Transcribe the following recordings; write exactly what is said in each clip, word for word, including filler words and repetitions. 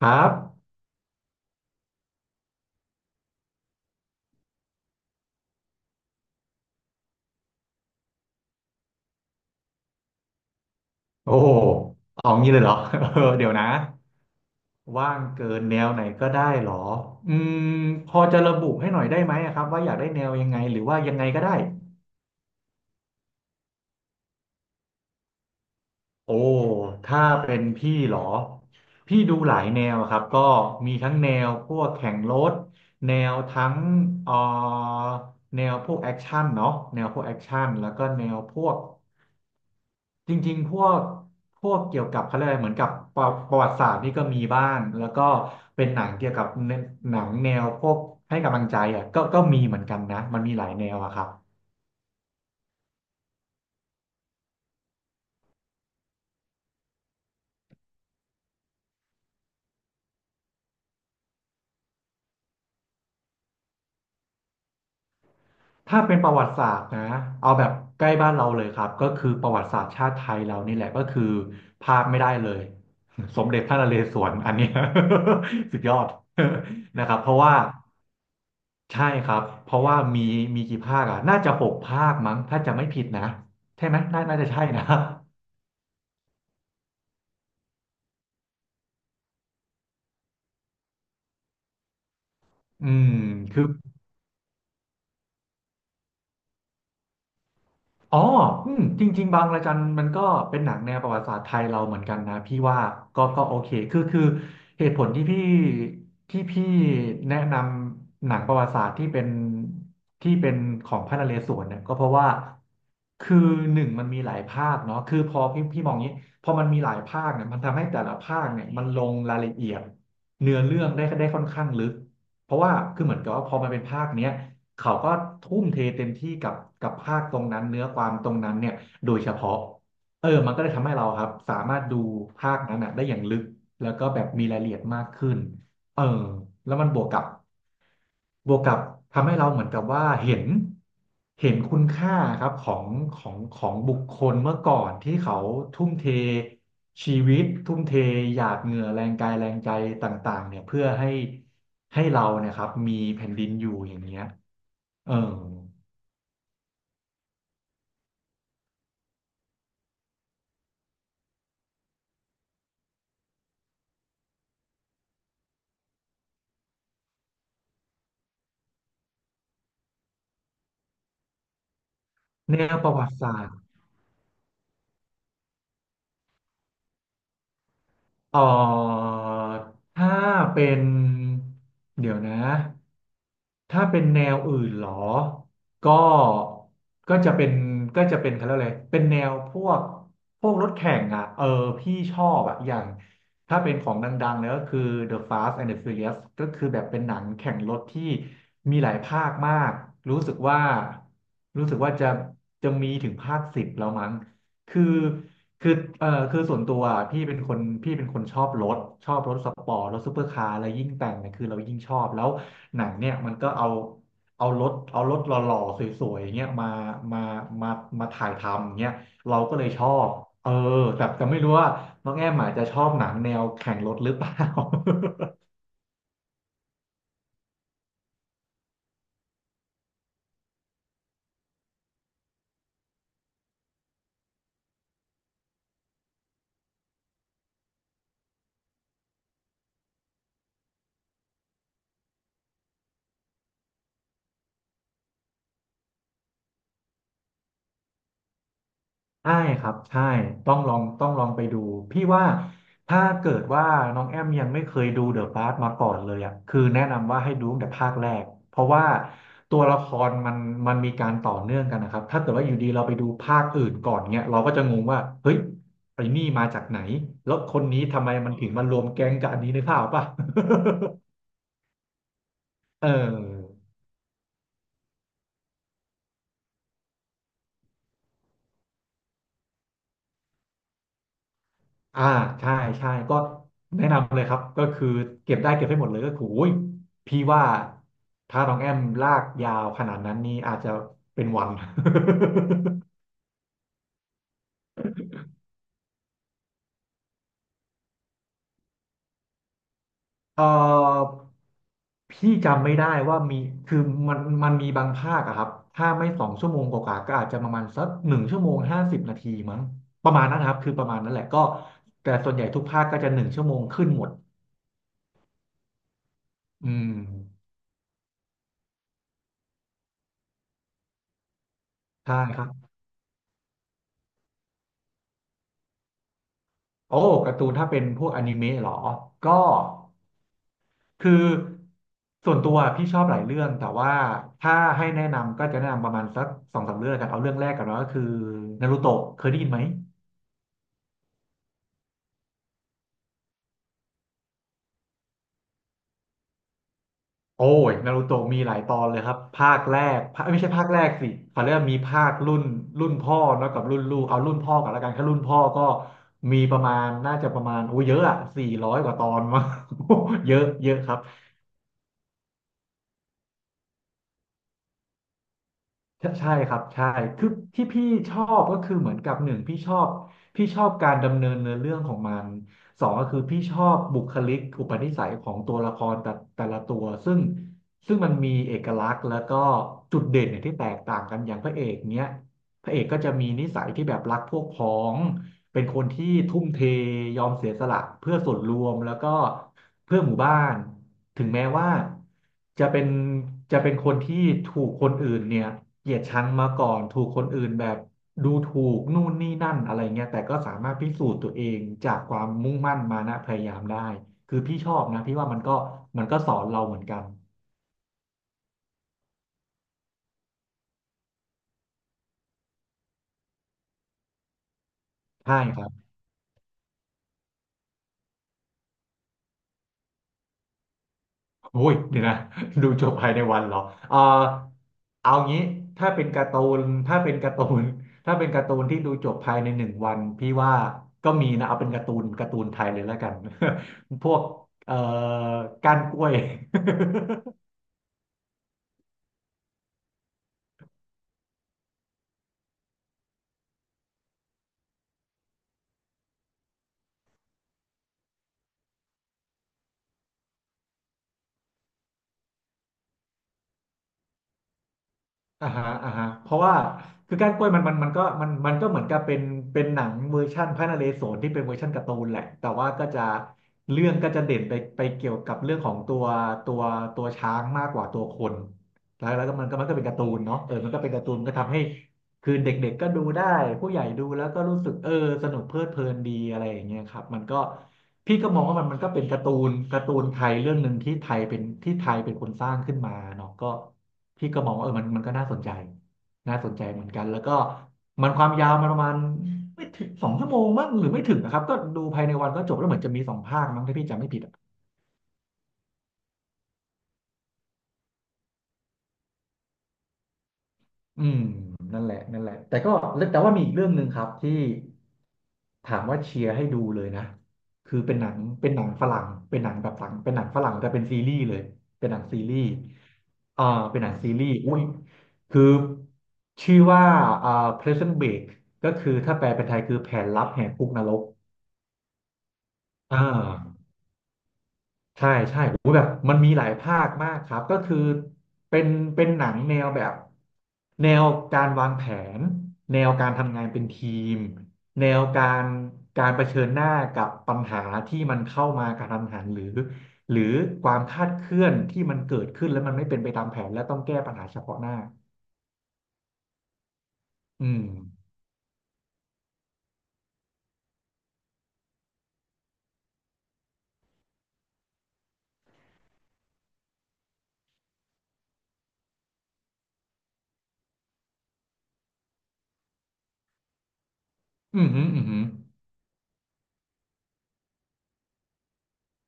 ครับโอ้โหเอางี้เลยเหรอ เออ เดี๋ยวนะว่างเกินแนวไหนก็ได้เหรออืมพอจะระบุให้หน่อยได้ไหมอะครับว่าอยากได้แนวยังไงหรือว่ายังไงก็ได้โอ้ถ้าเป็นพี่เหรอพี่ดูหลายแนวอะครับก็มีทั้งแนวพวกแข่งรถแนวทั้งเอ่อแนวพวกแอคชั่นเนาะแนวพวกแอคชั่นแล้วก็แนวพวก จริงๆพวกพวกเกี่ยวกับเขาเรียกอะไรเหมือนกับประประวัติศาสตร์นี่ก็มีบ้างแล้วก็เป็นหนังเกี่ยวกับเนหนังแนวพวกให้กำลังใจอ่ะก็ก็มีเหมือนกันนะมันมีหลายแนวอะครับถ้าเป็นประวัติศาสตร์นะเอาแบบใกล้บ้านเราเลยครับก็คือประวัติศาสตร์ชาติไทยเรานี่แหละก็คือพลาดไม่ได้เลย สมเด็จพระนเรศวรอันเนี้ย สุดยอด นะครับ เพราะว่า ใช่ครับ เพราะว่ามีมีกี่ภาคอ่ะน่าจะหกภาคมั้ง ถ้าจะไม่ผิดนะ ใช่ไหมน่าน่าจะใช่นะ อืมคือ อ๋ออืมจริงๆบางระจันมันก็เป็นหนังแนวประวัติศาสตร์ไทยเราเหมือนกันนะพี่ว่าก็ก็โอเคคือคือเหตุผลที่พี่ที่พี่แนะนำหนังประวัติศาสตร์ที่เป็นที่เป็นของพระนเรศวรเนี่ยก็เพราะว่าคือหนึ่งมันมีหลายภาคเนาะคือพอพี่พี่มองงี้พอมันมีหลายภาคเนี่ยมันทำให้แต่ละภาคเนี่ยมันลงรายละเอียดเนื้อเรื่องได้ได้ค่อนข้างลึกเพราะว่าคือเหมือนกับว่าพอมันเป็นภาคเนี้ย เขาก็ทุ่มเทเต็มที่กับกับภาคตรงนั้นเนื้อความตรงนั้นเนี่ยโดยเฉพาะเออมันก็เลยทำให้เราครับสามารถดูภาคนั้นอ่ะได้อย่างลึกแล้วก็แบบมีรายละเอียดมากขึ้นเออแล้วมันบวกกับบวกกับทำให้เราเหมือนกับว่าเห็นเห็นคุณค่าครับของของของบุคคลเมื่อก่อนที่เขาทุ่มเทชีวิตทุ่มเทหยาดเหงื่อแรงกายแรงใจต่างๆเนี่ยเพื่อให้ให้เราเนี่ยครับมีแผ่นดินอยู่อย่างเงี้ย เออแนวประวัติศาสตร์เอ่อถ้าเป็นเดี๋ยวนะ ถ้าเป็นแนวอื่นเหรอ ก็ก็จะเป็นก็จะเป็นเขาเรียกอะไรเป็นแนวพวกพวกรถแข่งอ่ะเออพี่ชอบอ่ะอย่าง ถ้าเป็นของดังๆเลยก็คือ The Fast and the Furious ก็คือแบบเป็นหนังแข่งรถที่มีหลายภาคมาก รู้สึกว่า รู้สึกว่าจะจะมีถึงภาคสิบแล้วมั้งคือคือเออคือส่วนตัวอะพี่เป็นคนพี่เป็นคนชอบรถ ชอบรถสปอร์ตรถซูเปอร์คาร์อะไรยิ่งแต่งเนี่ยคือเรายิ่งชอบแล้ว หนังเนี่ยมันก็เอาเอารถเอารถหล่อๆสวยๆอย่างเงี้ยมามามามาถ่ายทำอย่างเงี้ยเราก็เลยชอบเออแต่แต่ไม่รู้ว่าน้องแอมอาจจะชอบหนังแนวแข่งรถหรือเปล่า ใช่ครับใช่ต้องลองต้องลองไปดูพี่ว่าถ้าเกิดว่าน้องแอมยังไม่เคยดูเดอะพาร์มาก่อนเลยอ่ะคือแนะนำว่าให้ดูตั้งแต่ภาคแรกเพราะว่าตัวละครมันมันมีการต่อเนื่องกันนะครับถ้าเกิดว่าอยู่ดีเราไปดูภาคอื่นก่อนเนี้ยเราก็จะงงว่าเฮ้ยไอ้นี่มาจากไหนแล้วคนนี้ทำไมมันถึงมารวมแก๊งกับอันนี้นึกภาพออกป่ะ เออ อ่าใช่ใช่ก็แนะนำเลยครับก็คือเก็บได้เก็บให้หมดเลยก็คือโอ้ยพี่ว่าถ้าน้องแอมลากยาวขนาดนั้นนี่อาจจะเป็นวัน เอ่อพี่จำไม่ได้ว่ามีคือมันมันมีบางภาคอะครับถ้าไม่สองชั่วโมงกว่าๆก็อาจจะประมาณสักหนึ่งชั่วโมงห้าสิบนาทีมั้งประมาณนั้นนะครับคือประมาณนั้นแหละก็แต่ส่วนใหญ่ทุกภาคก็จะหนึ่งชั่วโมงขึ้นหมดอืมใช่ครับโอ้การ์ตูนถ้าเป็นพวกอนิเมะเหรอก็ คือส่วนตัวพี่ชอบหลายเรื่องแต่ว่าถ้าให้แนะนำก็จะแนะนำประมาณสักสองสามเรื่องกันเอาเรื่องแรกกันเนอะก็คือนารูโตะเคยได้ยินไหมโอ้ยนารูโตะมีหลายตอนเลยครับภาคแรกภาคไม่ใช่ภาคแรกสิเขาเรียกว่ามีภาครุ่นรุ่นพ่อเนอะกับรุ่นลูกเอารุ่นพ่อกันแล้วกันแค่รุ่นพ่อก็มีประมาณน่าจะประมาณโอ้เยอะอะสี่ร้อยกว่าตอนมา เยอะเยอะครับ ใช่ใช่ครับใช่คือที่พี่ชอบก็คือเหมือนกับหนึ่งพี่ชอบพี่ชอบการดำเนินเนื้อเรื่องของมันสองก็คือพี่ชอบบุคลิกอุปนิสัยของตัวละครแต่แต่ละตัวซึ่งซึ่งมันมีเอกลักษณ์แล้วก็จุดเด่นเนี่ยที่แตกต่างกันอย่างพระเอกเนี้ยพระเอกก็จะมีนิสัยที่แบบรักพวกพ้อง เป็นคนที่ทุ่มเทยอมเสียสละเพื่อส่วนรวมแล้วก็เพื่อหมู่บ้านถึงแม้ว่าจะเป็นจะเป็นคนที่ถูกคนอื่นเนี่ยเกลียดชังมาก่อนถูกคนอื่นแบบดูถูกนู่นนี่นั่นอะไรเงี้ยแต่ก็สามารถพิสูจน์ตัวเองจากความมุ่งมั่นมานะพยายามได้คือพี่ชอบนะพี่ว่ามันก็มันก็สอนเราเหมือนกันใช่ครับ โอ้ยเดี๋ยวนะ ดูจบภายในวันเหรอเออเอางี้ถ้าเป็นการ์ตูนถ้าเป็นการ์ตูน ถ้าเป็นการ์ตูนที่ดูจบภายในหนึ่งวันพี่ว่าก็มีนะเอาเป็นการ์ตูนการ์ตูนไทยเลยแล้วกัน พวกเอ่อก้านกล้วย อ่าฮะอ่าฮะเพราะว่าคือก้านกล้วยมันมันมันก็มันมันก็เหมือนกับเป็นเป็นหนังเวอร์ชั่นพระนเรศวรที่เป็นเวอร์ชั่นการ์ตูนแหละแต่ว่าก็จะเรื่องก็จะเด่นไปไปเกี่ยวกับเรื่องของตัวตัวตัวช้างมากกว่าตัวคนแล้วแล้วก็มันก็มันก็เป็นการ์ตูนเนาะเออมันก็เป็นการ์ตูนมันก็ทำให้ คือเด็กๆก็ดูได้ผู้ใหญ่ดูแล้วก็รู้สึกเออสนุกเพลิดเพลินดีอะไรอย่างเงี้ยครับมันก็พี่ก็มองว่ามันมันก็เป็นการ์ตูนการ์ตูนไทยเรื่องหนึ่งที่ไทยเป็นที่ไทยเป็นคนสร้างขึ้นมาเนาะก็พี่ก็มองว่าเออมันมันก็น่าสนใจน่าสนใจเหมือนกันแล้วก็มันความยาวมันประมาณไม่ถึงสองชั่วโมงมั้งหรือไม่ถึงนะครับก็ดูภายในวันก็จบแล้วเหมือนจะมีสองภาคมั้งถ้าพี่จำไม่ผิด อืมนั่นแหละนั่นแหละแต่ก็แต่ว่ามีอีกเรื่องหนึ่งครับที่ถามว่าเชียร์ให้ดูเลยนะคือเป็นหนังเป็นหนังฝรั่งเป็นหนังแบบฝรั่งเป็นหนังฝรั่งแต่เป็นซีรีส์เลยเป็นหนังซีรีส์อ่าเป็นหนังซีรีส์อุ้ยคือชื่อว่าอ่า Prison Break ก็คือถ้าแปลเป็นไทยคือแผนลับแหกคุกนรกอ่า ใช่ใช่โอ้โหแบบมันมีหลายภาคมากครับก็คือเป็นเป็นหนังแนวแบบแนวการวางแผนแนวการทำงานเป็นทีมแนวการการเผชิญหน้ากับปัญหาที่มันเข้ามากระทันหันหรือหรือความคาดเคลื่อนที่มันเกิดขึ้นแล้วมันไม่เป็นไปตามแผนและต้องแก้ปัญหาเฉพาะหน้าอืมอืมอหืมออือหือ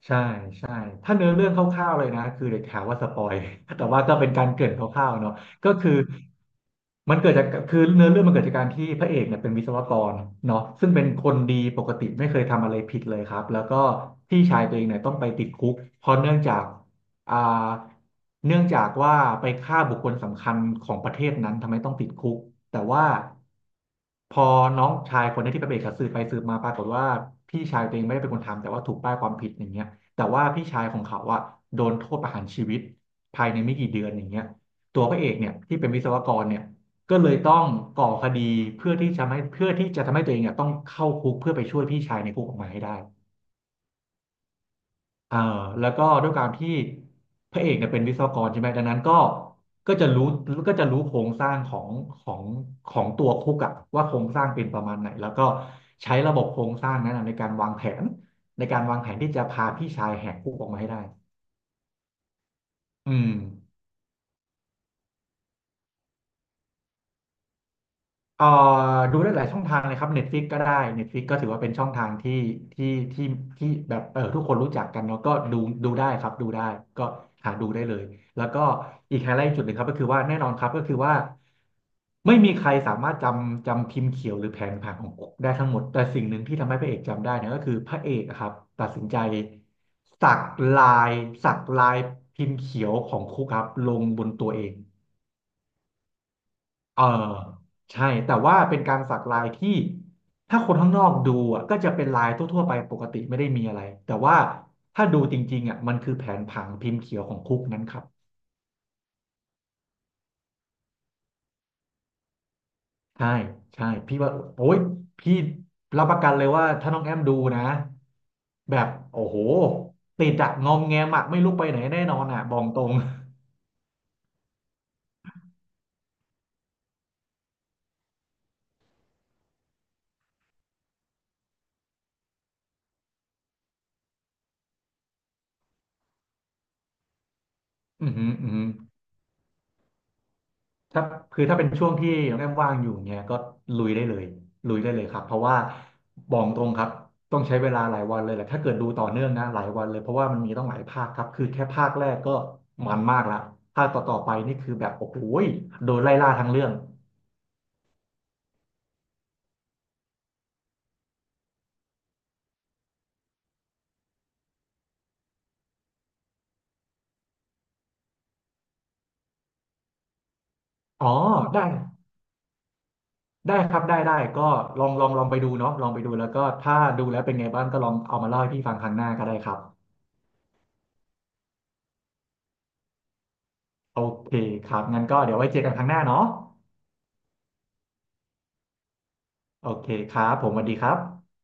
ใช่ใช่ถ้าเนื้อเรื่องคร่าวๆเลยนะคือเด็กถามว่าสปอย แต่ว่าก็เป็นการเกริ่นคร่าวๆเนาะก็คือมันเกิดจากคือเนื้อเรื่องมันเกิดจากการที่พระเอกเนี่ยเป็นวิศวกรเนาะซึ่งเป็นคนดีปกติไม่เคยทำอะไรผิดเลยครับแล้วก็พี่ชายตัวเองเนี่ยต้องไปติดคุกเพราะเนื่องจาก อ่าเนื่องจากว่าไปฆ่าบุคคลสำคัญของประเทศนั้นทำไมต้องติดคุกแต่ว่าพอน้องชายคนนี้ที่ไปเบรกับสืบไปสืบมาปรากฏว่าพี่ชายตัวเองไม่ได้เป็นคนทำแต่ว่าถูกป้ายความผิดอย่างเงี้ยแต่ว่าพี่ชายของเขาอะโดนโทษประหารชีวิตภายในไม่กี่เดือนอย่างเงี้ยตัวพระเอกเนี่ยที่เป็นวิศวกรเนี่ยก็เลยต้องก่อคดีเพื่อที่จะไม่เพื่อที่จะทำให้ตัวเองเนี่ยต้องเข้าคุกเพื่อไปช่วยพี่ชายในคุกออกมาให้ได้ เอ่อแล้วก็ด้วยการที่พระเอกเนี่ยเป็นวิศวกรใช่ไหมดังนั้นก็ก็จะรู้ก็จะรู้โครงสร้างของของของตัวคุกอะว่าโครงสร้างเป็นประมาณไหนแล้วก็ใช้ระบบโครงสร้างนั้นอะในการวางแผนในการวางแผนที่จะพาพี่ชายแหกคุกออกมาให้ได้อืม เอ่อดูได้หลายช่องทางเลยครับ Netflix ก็ได้ Netflix ก็ถือว่าเป็นช่องทางที่ที่ที่ที่แบบเออทุกคนรู้จักกันเนาะก็ดูดูได้ครับดูได้ก็หาดูได้เลยแล้วก็อีกไฮไลท์จุดหนึ่งครับก็คือว่าแน่นอนครับก็คือว่าไม่มีใครสามารถจำจำพิมพ์เขียวหรือแผนผังของคุกได้ทั้งหมดแต่สิ่งหนึ่งที่ทำให้พระเอกจำได้เนี่ยก็คือพระเอกอะครับตัดสินใจสักลายสักลายพิมพ์เขียวของคุกครับลงบนตัวเอง เออใช่แต่ว่าเป็นการสักลายที่ถ้าคนข้างนอกดูอ่ะก็จะเป็นลายทั่วๆไปปกติไม่ได้มีอะไรแต่ว่าถ้าดูจริงๆอ่ะมันคือแผนผังพิมพ์เขียวของคุกนั้นครับใช่ใช่พี่ว่าโอ้ยพี่รับประกันเลยว่าถ้าน้องแอมดูนะแบบโอ้โหติดอะงอมแงมอะไม่ลุกไปไหนแน่นอนอะบอกตรง อือหืออือหือ ถ้าคือถ้าเป็นช่วงที่น้องแอมว่างอยู่เนี่ยก็ลุยได้เลยลุยได้เลยครับเพราะว่าบอกตรงครับต้องใช้เวลาหลายวันเลยแหละถ้าเกิดดูต่อเนื่องนะหลายวันเลยเพราะว่ามันมีต้องหลายภาคครับคือแค่ภาคแรกก็มันมากละภาคต่อๆไปนี่คือแบบโอ้โหยโดนไล่ล่าทั้งเรื่องอ๋อได้ได้ครับได้ได้ก็ลองลองลองไปดูเนาะลองไปดูแล้วก็ถ้าดูแล้วเป็นไงบ้างก็ลองเอามาเล่าให้พี่ฟังครั้งหน้าก็ได้ครับโอเคครับงั้นก็เดี๋ยวไว้เจอกันครั้งหน้าเนาะโอเคครับผมสวัสดีครับ